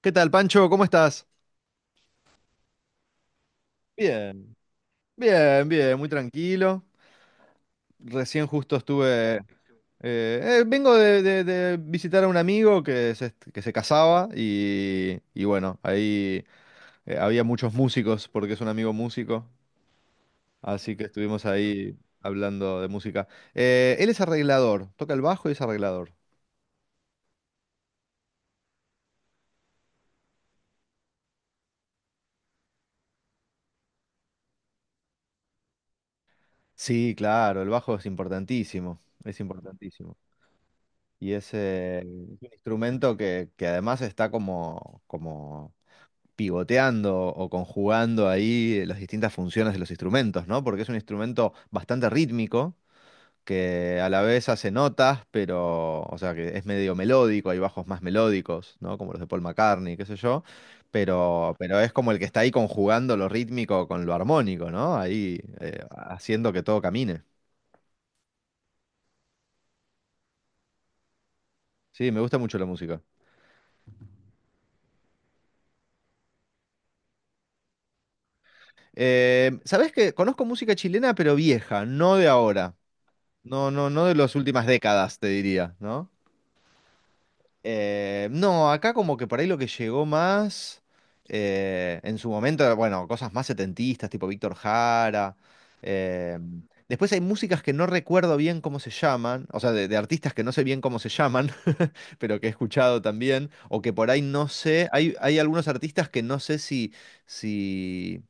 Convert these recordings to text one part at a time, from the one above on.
¿Qué tal, Pancho? ¿Cómo estás? Bien, bien, bien, muy tranquilo. Recién justo estuve... Vengo de visitar a un amigo que se casaba y bueno, ahí había muchos músicos porque es un amigo músico, así que estuvimos ahí hablando de música. Él es arreglador, toca el bajo y es arreglador. Sí, claro, el bajo es importantísimo, es importantísimo. Y es un instrumento que además está como, como pivoteando o conjugando ahí las distintas funciones de los instrumentos, ¿no? Porque es un instrumento bastante rítmico, que a la vez hace notas, pero, o sea, que es medio melódico, hay bajos más melódicos, ¿no? Como los de Paul McCartney, qué sé yo, pero es como el que está ahí conjugando lo rítmico con lo armónico, ¿no? Ahí haciendo que todo camine. Sí, me gusta mucho la música. ¿Sabés qué? Conozco música chilena, pero vieja, no de ahora. No, no, no de las últimas décadas, te diría, ¿no? No, acá como que por ahí lo que llegó más en su momento, bueno, cosas más setentistas, tipo Víctor Jara. Eh, después hay músicas que no recuerdo bien cómo se llaman, o sea, de artistas que no sé bien cómo se llaman, pero que he escuchado también, o que por ahí no sé. Hay algunos artistas que no sé si, si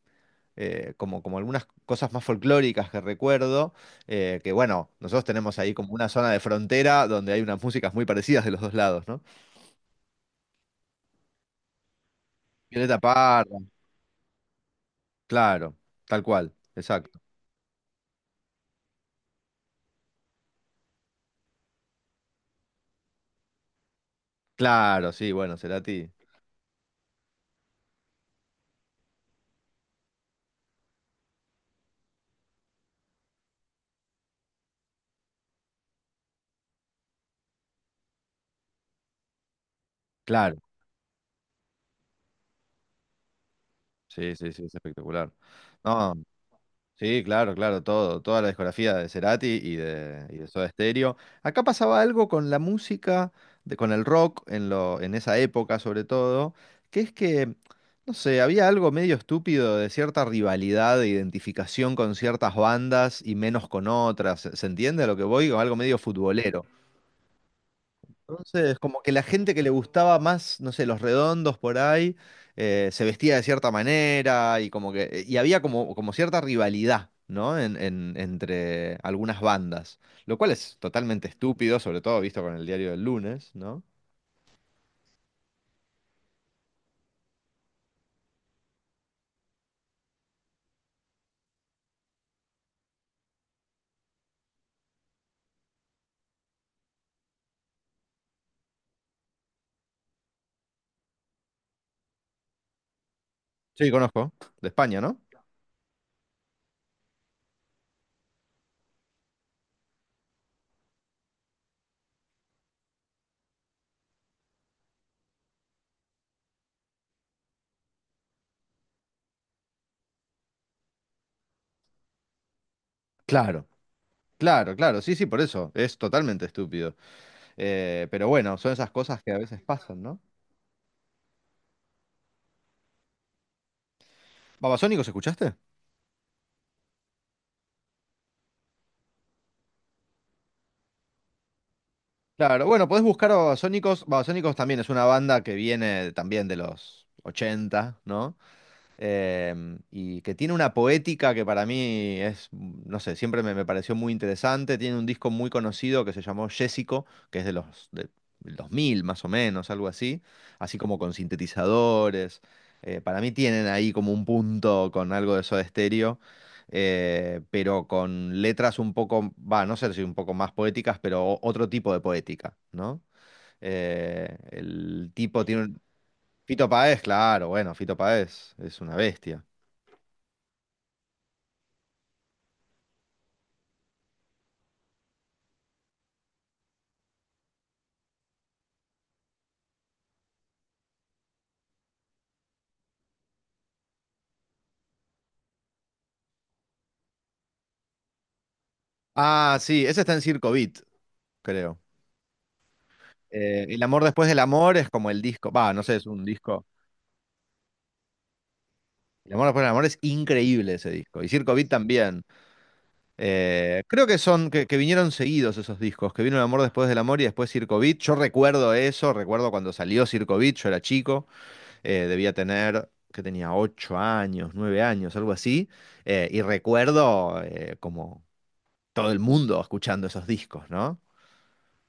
como, como algunas cosas más folclóricas que recuerdo, que bueno, nosotros tenemos ahí como una zona de frontera donde hay unas músicas muy parecidas de los dos lados, ¿no? Violeta Parra, claro, tal cual, exacto. Claro, sí, bueno, Cerati, claro, sí, sí, sí, es espectacular. No, sí, claro, claro, todo, toda la discografía de Cerati y de Soda Stereo. Acá pasaba algo con la música, de- con el rock, en lo, en esa época sobre todo, que es que, no sé, había algo medio estúpido de cierta rivalidad, de identificación con ciertas bandas y menos con otras. ¿Se entiende a lo que voy? Con algo medio futbolero. Entonces, como que la gente que le gustaba más, no sé, los redondos por ahí, se vestía de cierta manera y como que, y había como, como cierta rivalidad, ¿no? En- entre algunas bandas, lo cual es totalmente estúpido, sobre todo visto con el diario del lunes, ¿no? Sí, conozco, de España, ¿no? Claro, claro, claro, sí, sí, por eso, es totalmente estúpido. Pero bueno, son esas cosas que a veces pasan, ¿no? ¿Babasónicos escuchaste? Claro, bueno, podés buscar a Babasónicos. Babasónicos también es una banda que viene también de los 80, ¿no? eh, y que tiene una poética que para mí es, mm, no sé, siempre me, me pareció muy interesante. Tiene un disco muy conocido que se llamó Jessico, que es de los de, del 2000 más o menos, algo así, así como con sintetizadores. Para mí tienen ahí como un punto con algo de Soda Stereo. Pero con letras un poco, va, no sé si un poco más poéticas, pero o- otro tipo de poética, ¿no? El tipo tiene un... Fito Páez, claro, bueno, Fito Páez es una bestia. Ah, sí, ese está en Circo Beat, creo. El amor después del amor es como el disco. Va, no sé, es un disco. El amor después del amor es increíble ese disco. Y Circo Beat también. Creo que son, que vinieron seguidos esos discos, que vino El amor después del amor y después Circo Beat. Yo recuerdo eso, recuerdo cuando salió Circo Beat, yo era chico, debía tener, que tenía 8 años, 9 años, algo así. Y recuerdo como todo el mundo escuchando esos discos, ¿no?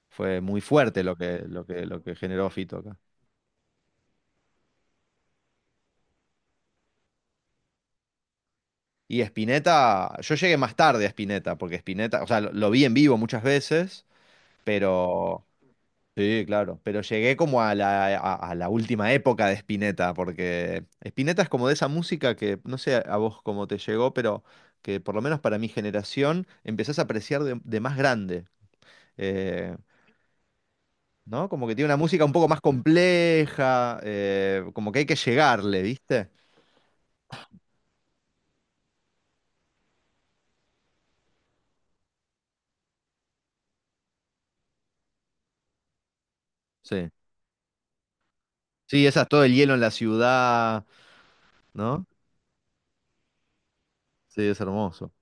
Fue muy fuerte lo que, lo que, lo que generó Fito acá. Y Spinetta, yo llegué más tarde a Spinetta, porque Spinetta, o sea, lo vi en vivo muchas veces, pero sí, claro, pero llegué como a la última época de Spinetta, porque Spinetta es como de esa música que, no sé a vos cómo te llegó, pero que por lo menos para mi generación empezás a apreciar de más grande. eh, ¿No? Como que tiene una música un poco más compleja, como que hay que llegarle, ¿viste? Sí. Sí, esas, todo el hielo en la ciudad, ¿no? Sí, es hermoso.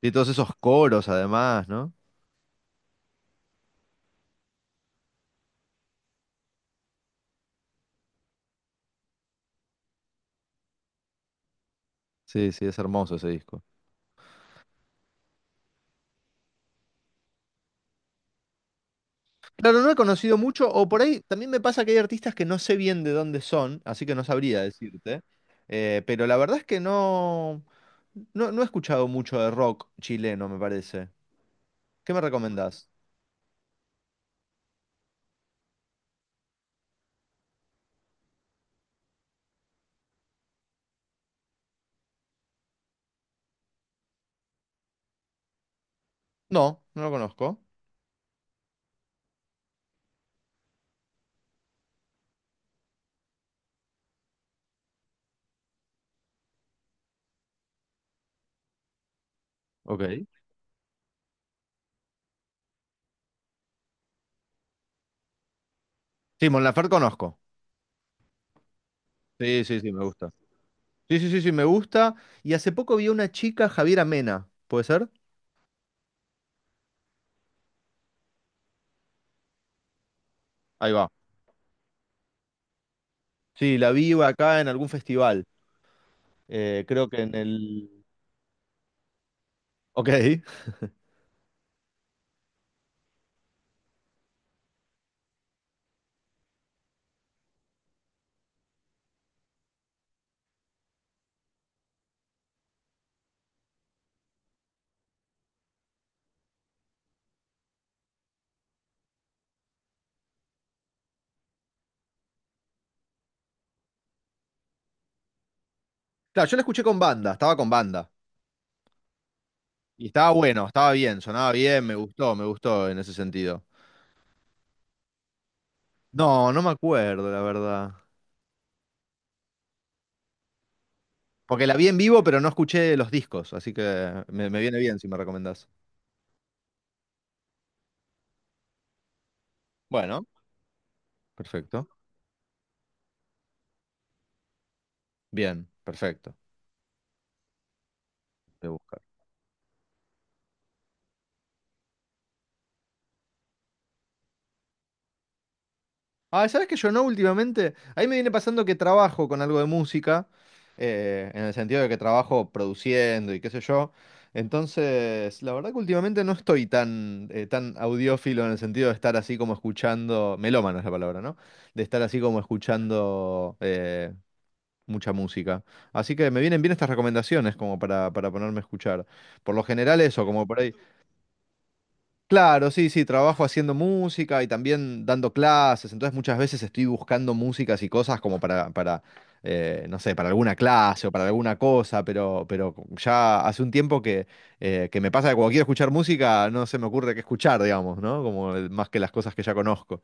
Y todos esos coros además, ¿no? Sí, sí, es hermoso ese disco. Claro, no he conocido mucho, o por ahí también me pasa que hay artistas que no sé bien de dónde son, así que no sabría decirte. Pero la verdad es que no, no, no he escuchado mucho de rock chileno, me parece. ¿Qué me recomendás? No, no lo conozco. Ok. Sí, Mon Laferte conozco. Sí, sí, sí, me gusta. Sí, sí, sí, sí, me gusta. Y hace poco vi a una chica, Javiera Mena, ¿puede ser? Ahí va. Sí, la vi acá en algún festival. Creo que en el. Ok. Claro, yo la escuché con banda, estaba con banda. Y estaba bueno, estaba bien, sonaba bien, me gustó en ese sentido. No, no me acuerdo, la verdad. Porque la vi en vivo, pero no escuché los discos, así que me viene bien si me recomendás. Bueno, perfecto. Bien, perfecto. Voy a buscar. Ah, ¿sabes que yo no últimamente? Ahí me viene pasando que trabajo con algo de música, en el sentido de que trabajo produciendo y qué sé yo. Entonces, la verdad que últimamente no estoy tan, tan audiófilo en el sentido de estar así como escuchando, melómano es la palabra, ¿no? De estar así como escuchando mucha música. Así que me vienen bien estas recomendaciones como para ponerme a escuchar. Por lo general eso, como por ahí. Claro, sí, sí, trabajo haciendo música y también dando clases, entonces muchas veces estoy buscando músicas y cosas como para no sé, para alguna clase o para alguna cosa, pero ya hace un tiempo que me pasa que cuando quiero escuchar música no se me ocurre qué escuchar, digamos, ¿no? Como el- más que las cosas que ya conozco.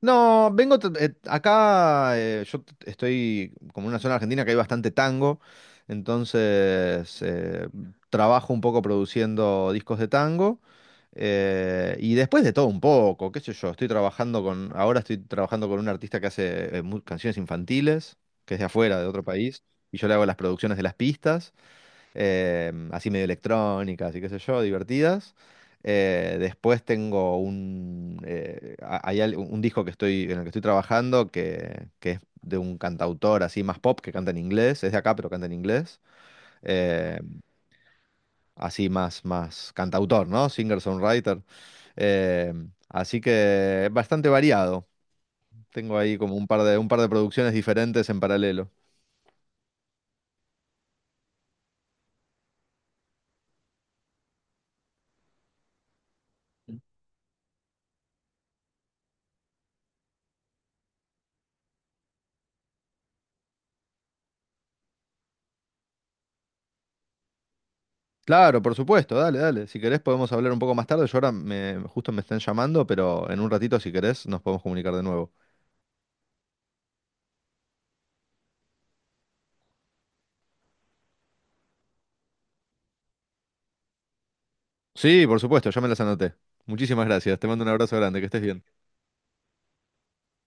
No, vengo t- acá, yo t- estoy como en una zona argentina que hay bastante tango, entonces trabajo un poco produciendo discos de tango y después de todo un poco, qué sé yo, estoy trabajando con, ahora estoy trabajando con un artista que hace mu- canciones infantiles, que es de afuera, de otro país, y yo le hago las producciones de las pistas así medio electrónicas y qué sé yo, divertidas. Después tengo un, a- hay al- un disco que estoy, en el que estoy trabajando que es de un cantautor así más pop que canta en inglés, es de acá pero canta en inglés, eh, así más, más cantautor, ¿no? Singer-songwriter. Eh, así que es bastante variado. Tengo ahí como un par de producciones diferentes en paralelo. Claro, por supuesto, dale, dale. Si querés podemos hablar un poco más tarde. Yo ahora me, justo me están llamando, pero en un ratito, si querés, nos podemos comunicar de nuevo. Sí, por supuesto, ya me las anoté. Muchísimas gracias. Te mando un abrazo grande, que estés bien.